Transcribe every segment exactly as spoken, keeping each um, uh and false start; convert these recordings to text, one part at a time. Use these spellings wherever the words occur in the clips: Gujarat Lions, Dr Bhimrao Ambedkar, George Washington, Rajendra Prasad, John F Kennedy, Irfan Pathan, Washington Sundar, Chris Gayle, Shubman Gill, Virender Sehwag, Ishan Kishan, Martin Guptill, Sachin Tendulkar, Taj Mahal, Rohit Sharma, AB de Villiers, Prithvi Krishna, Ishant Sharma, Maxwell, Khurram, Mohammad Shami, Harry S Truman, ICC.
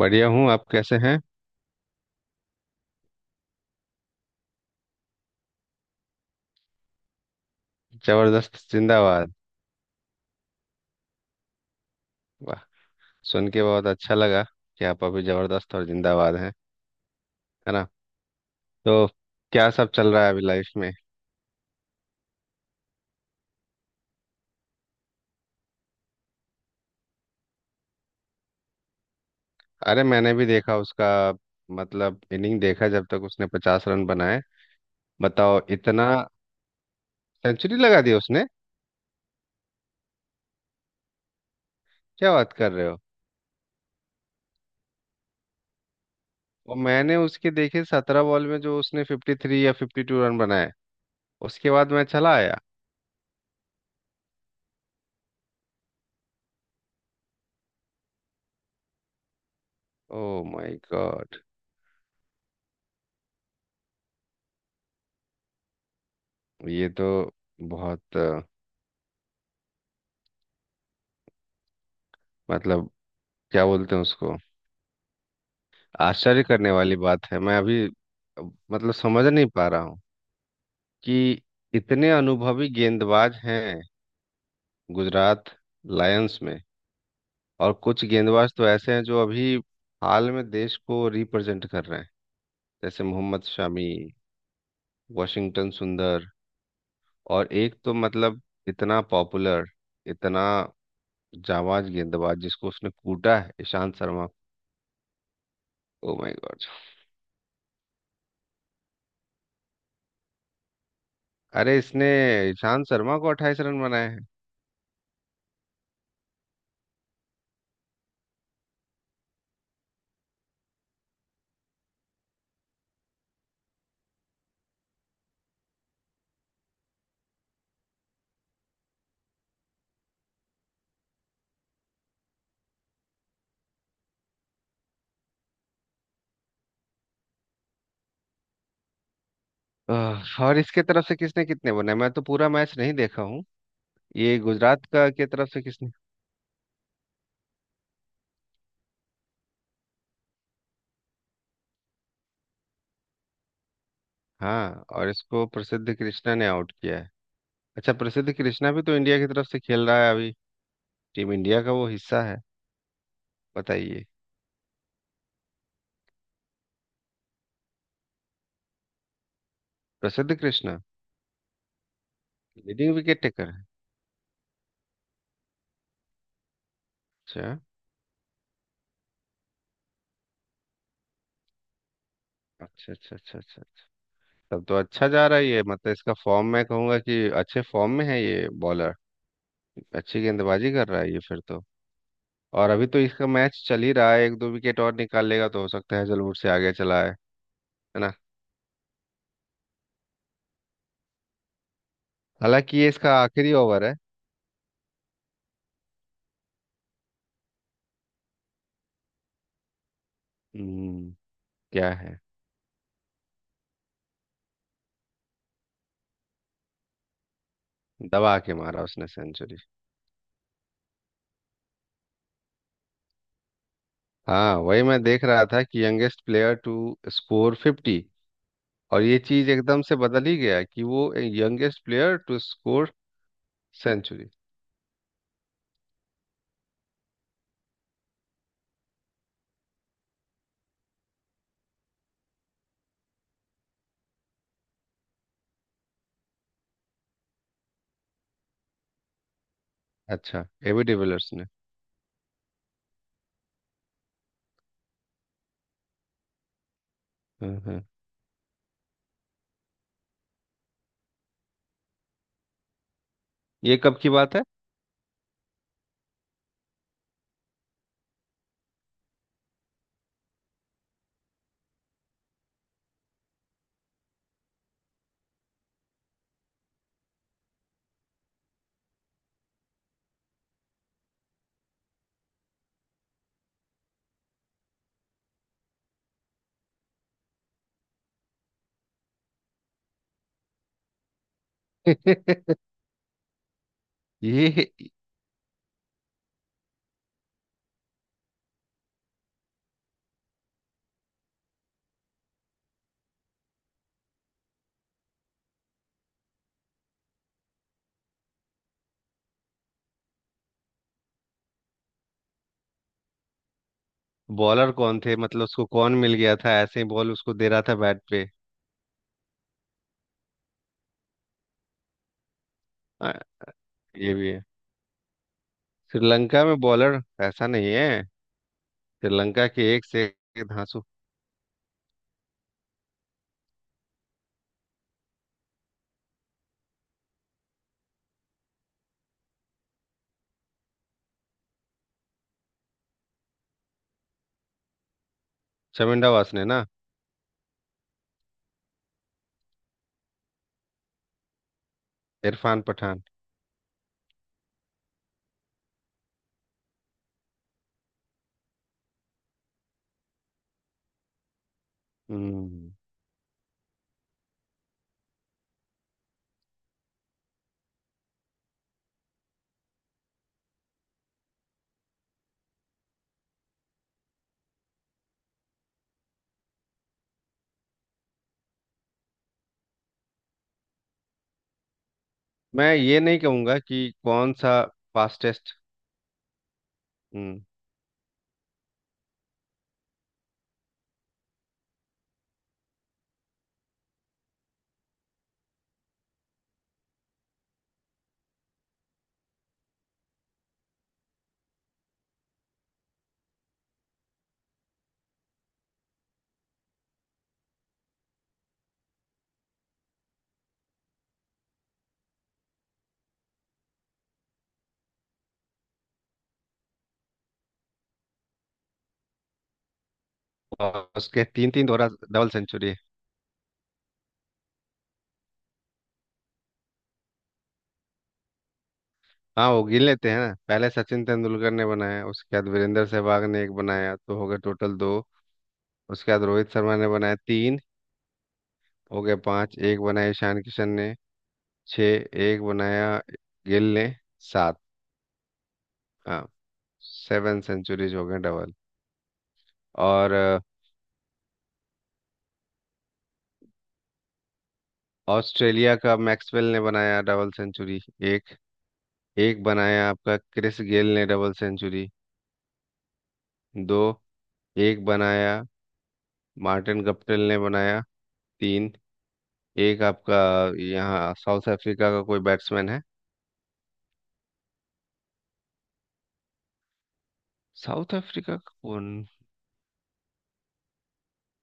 बढ़िया हूँ। आप कैसे हैं? जबरदस्त जिंदाबाद। वाह। सुन के बहुत अच्छा लगा कि आप अभी जबरदस्त और जिंदाबाद हैं, है ना? तो क्या सब चल रहा है अभी लाइफ में? अरे मैंने भी देखा उसका, मतलब इनिंग देखा जब तक उसने पचास रन बनाए। बताओ इतना। सेंचुरी लगा दिया उसने? क्या बात कर रहे हो? और मैंने उसके देखे सत्रह बॉल में जो उसने फिफ्टी थ्री या फिफ्टी टू रन बनाए, उसके बाद मैं चला आया। Oh my god. ये तो बहुत अ, मतलब क्या बोलते हैं उसको? आश्चर्य करने वाली बात है। मैं अभी अब, मतलब समझ नहीं पा रहा हूँ कि इतने अनुभवी गेंदबाज हैं। गुजरात लायंस में। और कुछ गेंदबाज तो ऐसे हैं जो अभी हाल में देश को रिप्रेजेंट कर रहे हैं, जैसे मोहम्मद शमी, वाशिंगटन सुंदर। और एक तो मतलब इतना पॉपुलर, इतना जाबाज गेंदबाज, जिसको उसने कूटा है, Ishant Sharma. Oh my god. अरे इसने ईशांत शर्मा को अट्ठाईस रन बनाए हैं। आह, और इसके तरफ से किसने कितने बनाए? मैं तो पूरा मैच नहीं देखा हूँ। ये गुजरात का के तरफ से किसने? हाँ और इसको प्रसिद्ध कृष्णा ने आउट किया है। अच्छा, प्रसिद्ध कृष्णा भी तो इंडिया की तरफ से खेल रहा है अभी। टीम इंडिया का वो हिस्सा है। बताइए। Prasidh Krishna leading wicket taker है। अच्छा अच्छा अच्छा अच्छा अच्छा। तब तो अच्छा जा रहा है ये, मतलब इसका फॉर्म मैं कहूंगा कि अच्छे फॉर्म में है ये बॉलर। अच्छी गेंदबाजी कर रहा है ये फिर तो। और अभी तो इसका मैच चल ही रहा है, एक दो विकेट और निकाल लेगा तो हो सकता है हैजलवुड से आगे चला है। हालांकि ये इसका आखिरी ओवर है। हम्म। क्या है? दबा के मारा उसने सेंचुरी। हाँ वही मैं देख रहा था कि youngest player to score fifty. और ये चीज एकदम से बदल ही गया कि वो youngest player to score century. अच्छा। एबी डिविलियर्स ने। हाँ, हाँ। ये कब की बात है? ये बॉलर कौन थे? मतलब उसको कौन मिल गया था ऐसे ही बॉल उसको दे रहा था बैट पे? हाँ, ये भी है। श्रीलंका में बॉलर ऐसा नहीं है। श्रीलंका के एक से एक धांसू। शर्मिंदा वासने ना। इरफान पठान। हम्म। मैं ये नहीं कहूंगा कि कौन सा फास्टेस्ट। हम्म। और उसके तीन तीन दोहरा डबल सेंचुरी है। हाँ वो गिन लेते हैं ना। पहले सचिन तेंदुलकर ने बनाया, उसके बाद वीरेंद्र सहवाग ने एक बनाया, तो हो गए टोटल दो। उसके बाद रोहित शर्मा ने बनाया, तीन। हो गए पांच। एक बनाया ईशान किशन ने। छह। एक बनाया गिल ने। सात। हाँ। सेवन सेंचुरीज हो गए डबल। और अ, ऑस्ट्रेलिया का मैक्सवेल ने बनाया डबल सेंचुरी। एक। एक बनाया आपका क्रिस गेल ने डबल सेंचुरी। दो। एक बनाया मार्टिन गप्टिल ने बनाया। तीन। एक आपका यहाँ साउथ अफ्रीका का कोई बैट्समैन है। साउथ अफ्रीका का कौन?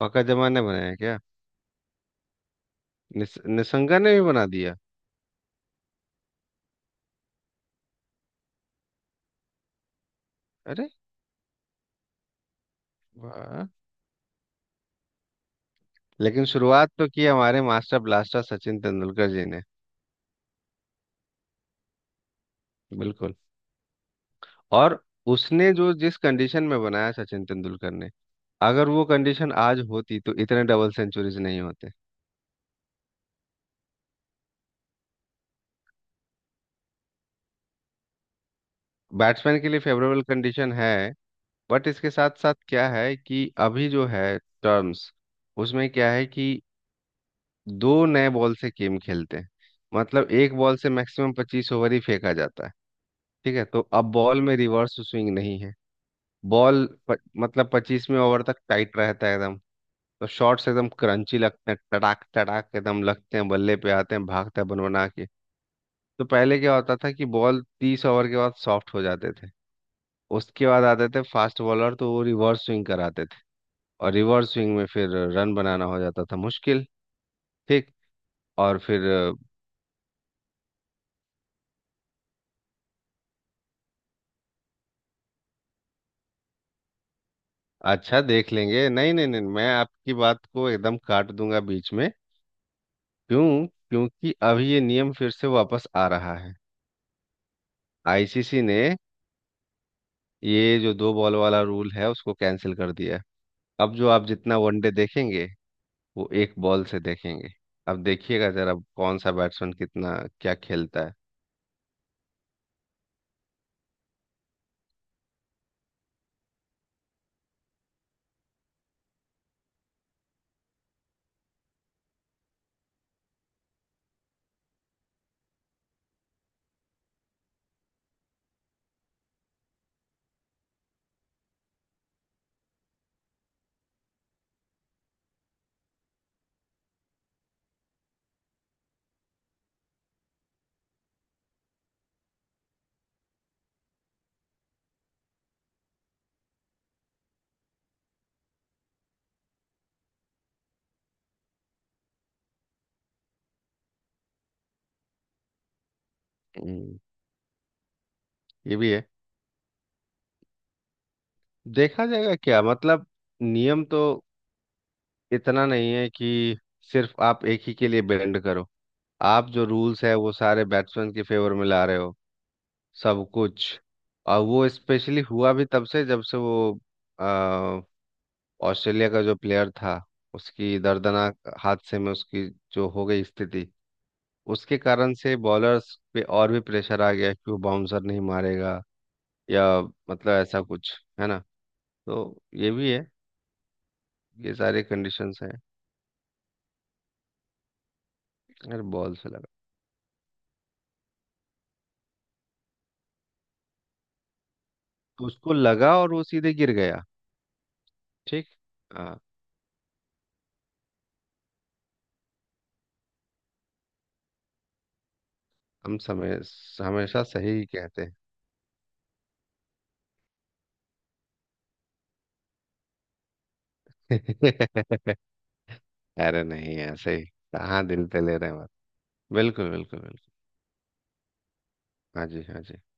पका जमा ने बनाया क्या? निस, निसंगा ने भी बना दिया। अरे वाह। लेकिन शुरुआत तो की हमारे मास्टर ब्लास्टर सचिन तेंदुलकर जी ने। बिल्कुल। और उसने जो जिस कंडीशन में बनाया सचिन तेंदुलकर ने, अगर वो कंडीशन आज होती तो इतने डबल सेंचुरीज नहीं होते। बैट्समैन के लिए फेवरेबल कंडीशन है। बट इसके साथ साथ क्या है कि अभी जो है टर्म्स, उसमें क्या है कि दो नए बॉल से गेम खेलते हैं। मतलब एक बॉल से मैक्सिमम पच्चीस ओवर ही फेंका जाता है। ठीक है, तो अब बॉल में रिवर्स स्विंग नहीं है। बॉल प, मतलब पच्चीसवें ओवर तक टाइट रहता है एकदम। तो शॉट्स एकदम क्रंची लगते हैं, टड़ाक टड़ाक एकदम लगते हैं, बल्ले पे आते हैं, भागता है बन बना के। तो पहले क्या होता था कि बॉल तीस ओवर के बाद सॉफ्ट हो जाते थे। उसके बाद आते थे फास्ट बॉलर, तो वो रिवर्स स्विंग कराते थे। और रिवर्स स्विंग में फिर रन बनाना हो जाता था मुश्किल। ठीक। और फिर अ, अच्छा देख लेंगे। नहीं नहीं नहीं, मैं आपकी बात को एकदम काट दूंगा बीच में। क्यों? क्योंकि अभी ये नियम फिर से वापस आ रहा है। आईसीसी ने ये जो दो बॉल वाला रूल है उसको कैंसिल कर दिया है। अब जो आप जितना वनडे देखेंगे, वो एक बॉल से देखेंगे। अब देखिएगा जरा कौन सा बैट्समैन कितना क्या खेलता है। हम्म, ये भी है। देखा जाएगा क्या मतलब? नियम तो इतना नहीं है कि सिर्फ आप एक ही के लिए बेंड करो। आप जो रूल्स है वो सारे बैट्समैन के फेवर में ला रहे हो सब कुछ। और वो स्पेशली हुआ भी तब से जब से वो अ, ऑस्ट्रेलिया का जो प्लेयर था, उसकी दर्दनाक हादसे में उसकी जो हो गई स्थिति, उसके कारण से बॉलर्स पे और भी प्रेशर आ गया कि वो बाउंसर नहीं मारेगा या मतलब ऐसा कुछ, है ना? तो ये भी है, ये सारे कंडीशंस हैं। अरे बॉल से लगा, तो उसको लगा और वो सीधे गिर गया। ठीक। हाँ। हम समय हमेशा सही कहते हैं। अरे नहीं ऐसे ही। कहाँ दिल पे ले रहे हैं बात। बिल्कुल बिल्कुल बिल्कुल। हाँ जी हाँ जी।